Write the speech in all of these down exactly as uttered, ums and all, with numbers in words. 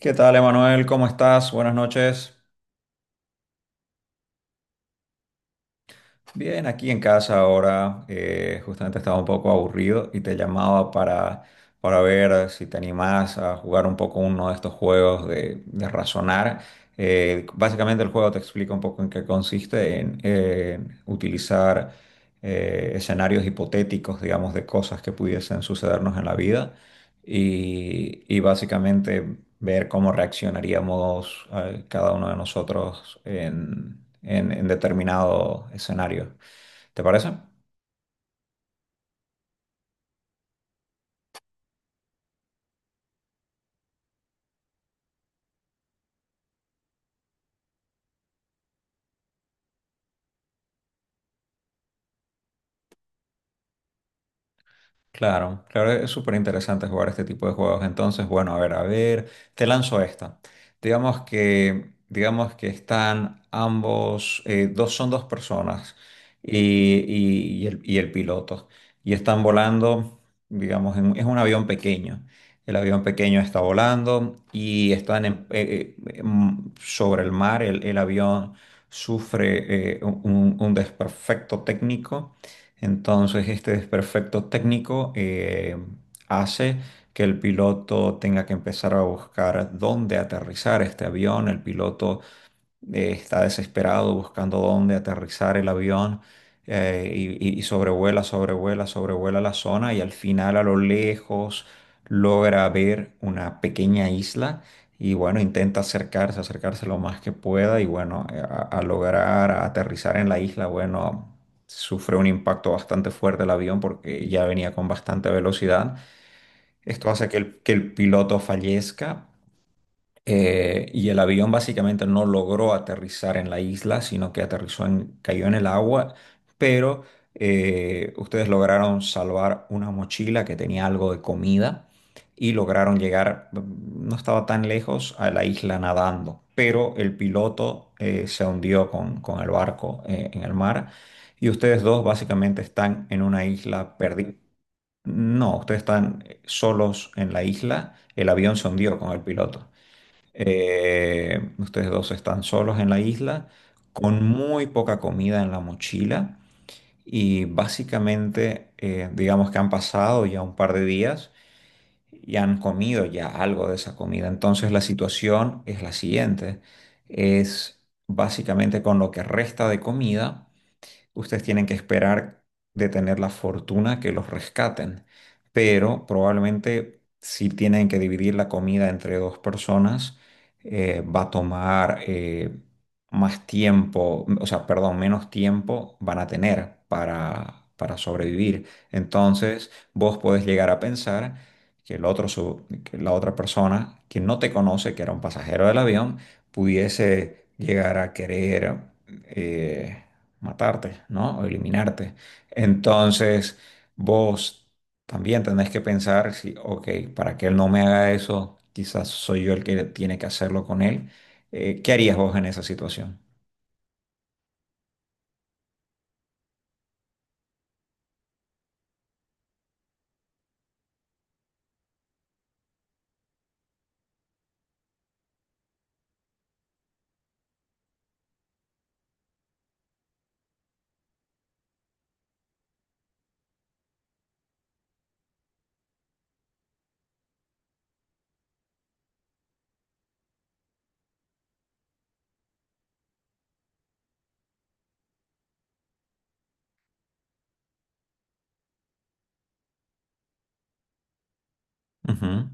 ¿Qué tal, Emanuel? ¿Cómo estás? Buenas noches. Bien, aquí en casa ahora. Eh, justamente estaba un poco aburrido y te llamaba para, para ver si te animás a jugar un poco uno de estos juegos de, de razonar. Eh, básicamente el juego te explica un poco en qué consiste en, en utilizar eh, escenarios hipotéticos, digamos, de cosas que pudiesen sucedernos en la vida y, y básicamente ver cómo reaccionaríamos eh, cada uno de nosotros en, en- en determinado escenario. ¿Te parece? Claro, claro, es súper interesante jugar este tipo de juegos. Entonces, bueno, a ver, a ver, te lanzo esta. Digamos que, digamos que están ambos, eh, dos son dos personas y, y- y el, y el piloto. Y están volando, digamos, en- es un avión pequeño. El avión pequeño está volando y están en- eh, eh, mm, sobre el mar. El, el avión sufre eh, un un- un desperfecto técnico. Entonces, este desperfecto técnico eh, hace que el piloto tenga que empezar a buscar dónde aterrizar este avión. El piloto eh, está desesperado buscando dónde aterrizar el avión, eh, y, y- y sobrevuela, sobrevuela, sobrevuela la zona y al final a lo lejos logra ver una pequeña isla y bueno, intenta acercarse, acercarse lo más que pueda y bueno, eh, a, a lograr aterrizar en la isla. Bueno, sufre un impacto bastante fuerte el avión porque ya venía con bastante velocidad. Esto hace que el, que el piloto fallezca, eh, y el avión básicamente no logró aterrizar en la isla, sino que aterrizó en, cayó en el agua, pero eh, ustedes lograron salvar una mochila que tenía algo de comida y lograron llegar, mm, no estaba tan lejos, a la isla nadando, pero el piloto eh, se hundió con, con el barco eh, en el mar y ustedes dos básicamente están en una isla perdida. No, ustedes están eh, solos en la isla, el avión se hundió con el piloto. Eh, ustedes dos están solos en la isla, con muy poca comida en la mochila y básicamente, eh, digamos que han pasado ya un par de días y han comido ya algo de esa comida. Entonces la situación es la siguiente, es básicamente: con lo que resta de comida ustedes tienen que esperar de tener la fortuna que los rescaten. Pero probablemente si tienen que dividir la comida entre dos personas, eh, va a tomar eh, más tiempo, o sea, perdón, menos tiempo van a tener para, para sobrevivir. Entonces, vos podés llegar a pensar que el otro, su- que la otra persona que no te conoce, que era un pasajero del avión, pudiese llegar a querer eh, matarte, ¿no? O eliminarte. Entonces, vos también tenés que pensar si, ok, para que él no me haga eso, quizás soy yo el que tiene que hacerlo con él. Eh, ¿qué harías vos en esa situación? Ujú.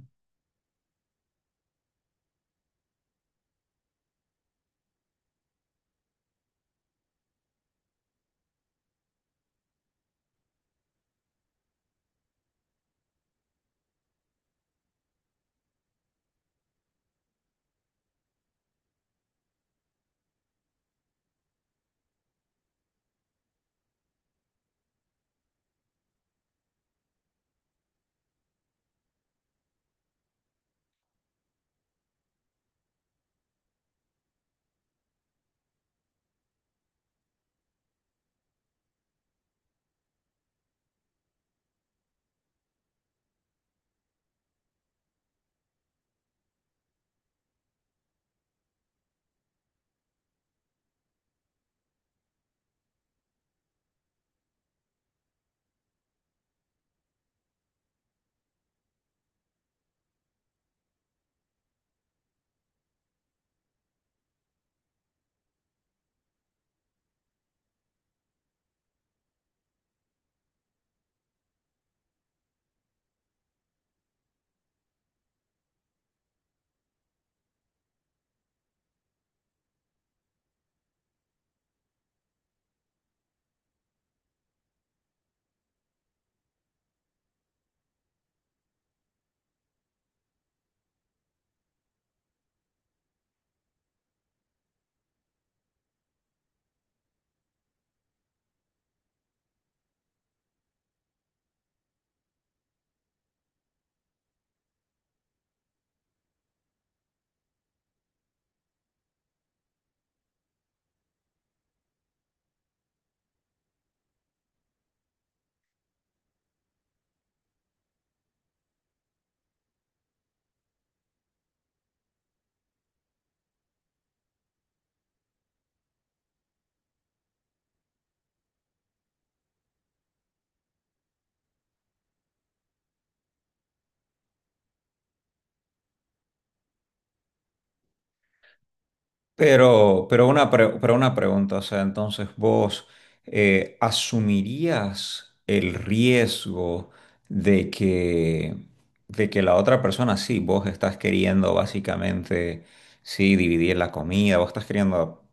Pero, pero, una pre- pero una pregunta, o sea, entonces vos eh, asumirías el riesgo de que, de que la otra persona, sí, vos estás queriendo básicamente, sí, dividir la comida, vos estás queriendo,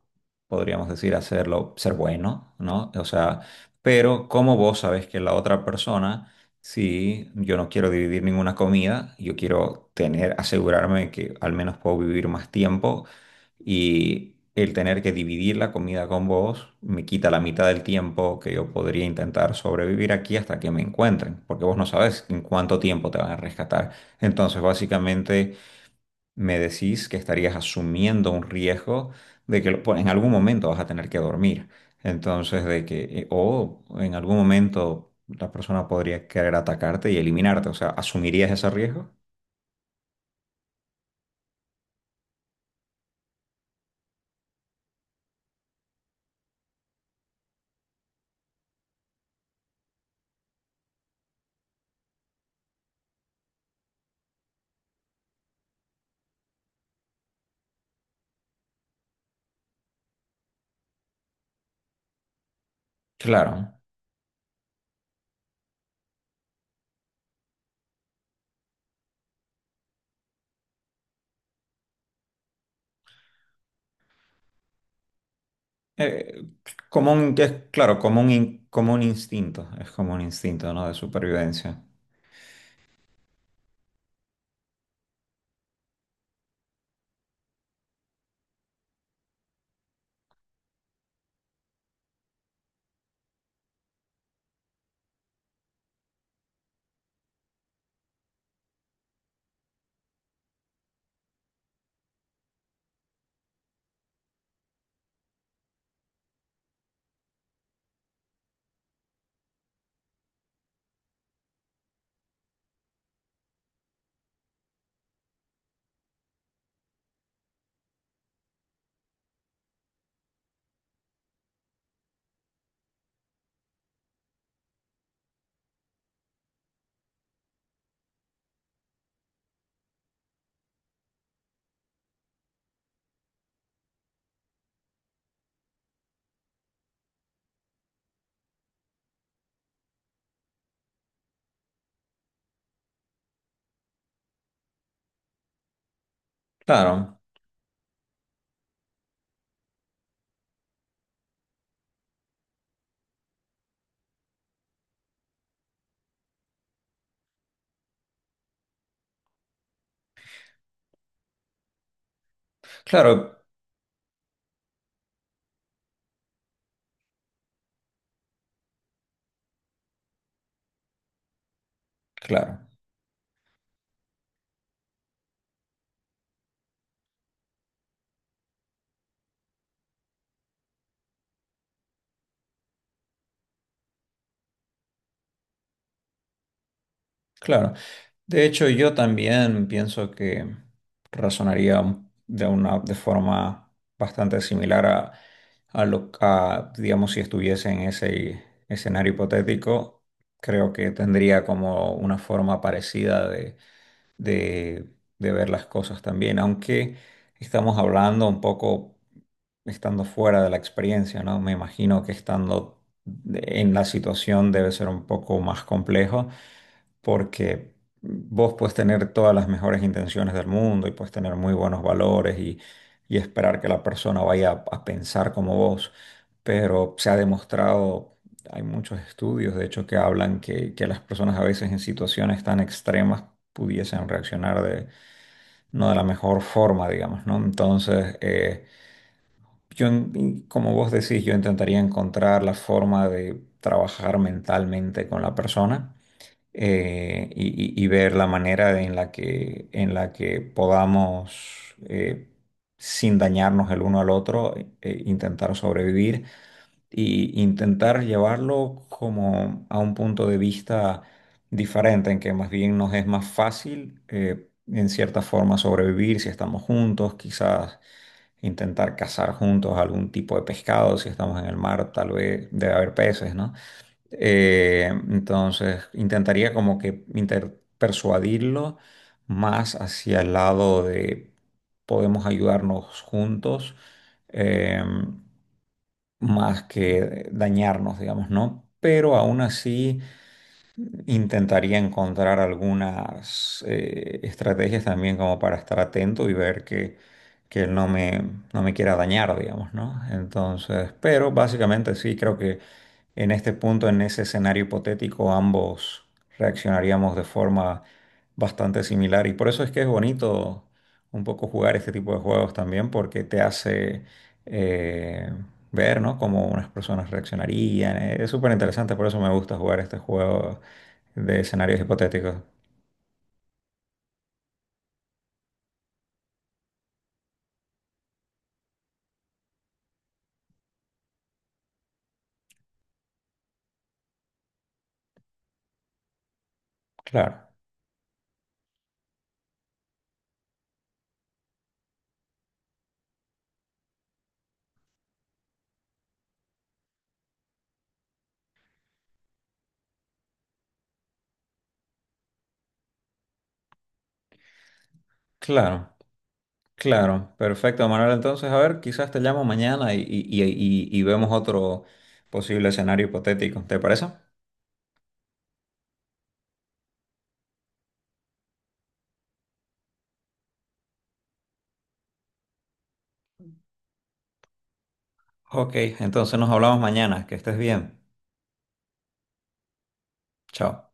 podríamos decir, hacerlo, ser bueno, ¿no? O sea, pero como vos sabes que la otra persona, sí, yo no quiero dividir ninguna comida, yo quiero tener, asegurarme que al menos puedo vivir más tiempo? Y el tener que dividir la comida con vos me quita la mitad del tiempo que yo podría intentar sobrevivir aquí hasta que me encuentren, porque vos no sabes en cuánto tiempo te van a rescatar. Entonces, básicamente, me decís que estarías asumiendo un riesgo de que pues, en algún momento vas a tener que dormir. Entonces, de que, eh, o en algún momento la persona podría querer atacarte y eliminarte. O sea, ¿asumirías ese riesgo? Claro. Eh, como un, es, claro, como un, in- como un instinto, es como un instinto, ¿no? De supervivencia. Claro, claro, claro, claro. De hecho, yo también pienso que razonaría un- de una, de forma bastante similar a, a lo a, digamos, si estuviese en ese escenario hipotético, creo que tendría como una forma parecida de, de, de ver las cosas también, aunque estamos hablando un poco estando fuera de la experiencia, ¿no? Me imagino que estando de- en la situación debe ser un poco más complejo porque vos puedes tener todas las mejores intenciones del mundo y puedes tener muy buenos valores y, y esperar que la persona vaya a pensar como vos, pero se ha demostrado, hay muchos estudios de hecho que hablan que, que las personas a veces en situaciones tan extremas pudiesen reaccionar de no de la mejor forma, digamos, ¿no? Entonces, eh, yo, en- como vos decís, yo intentaría encontrar la forma de trabajar mentalmente con la persona eh, y, y- y ver la manera en la que, en la que podamos, eh, sin dañarnos el uno al otro, eh, intentar sobrevivir y intentar llevarlo como a un punto de vista diferente, en que más bien nos es más fácil, eh, en cierta forma, sobrevivir si estamos juntos, quizás intentar cazar juntos algún tipo de pescado, si estamos en el mar, tal vez debe haber peces, ¿no? Eh, entonces, intentaría como que inter- persuadirlo más hacia el lado de podemos ayudarnos juntos, eh, más que dañarnos, digamos, ¿no? Pero aún así intentaría encontrar algunas eh, estrategias también como para estar atento y ver que, que él no me, no me quiera dañar, digamos, ¿no? Entonces, pero básicamente sí, creo que en este punto, en ese escenario hipotético, ambos reaccionaríamos de forma bastante similar y por eso es que es bonito un poco jugar este tipo de juegos también porque te hace... eh, ver, ¿no? Cómo unas personas reaccionarían. eh, Es súper interesante, por eso me gusta jugar este juego de escenarios hipotéticos. Claro, claro, claro. Perfecto, Manuel. Entonces, a ver, quizás te llamo mañana y, y- y- y y vemos otro posible escenario hipotético. ¿Te parece? Ok, entonces nos hablamos mañana. Que estés bien. Chao.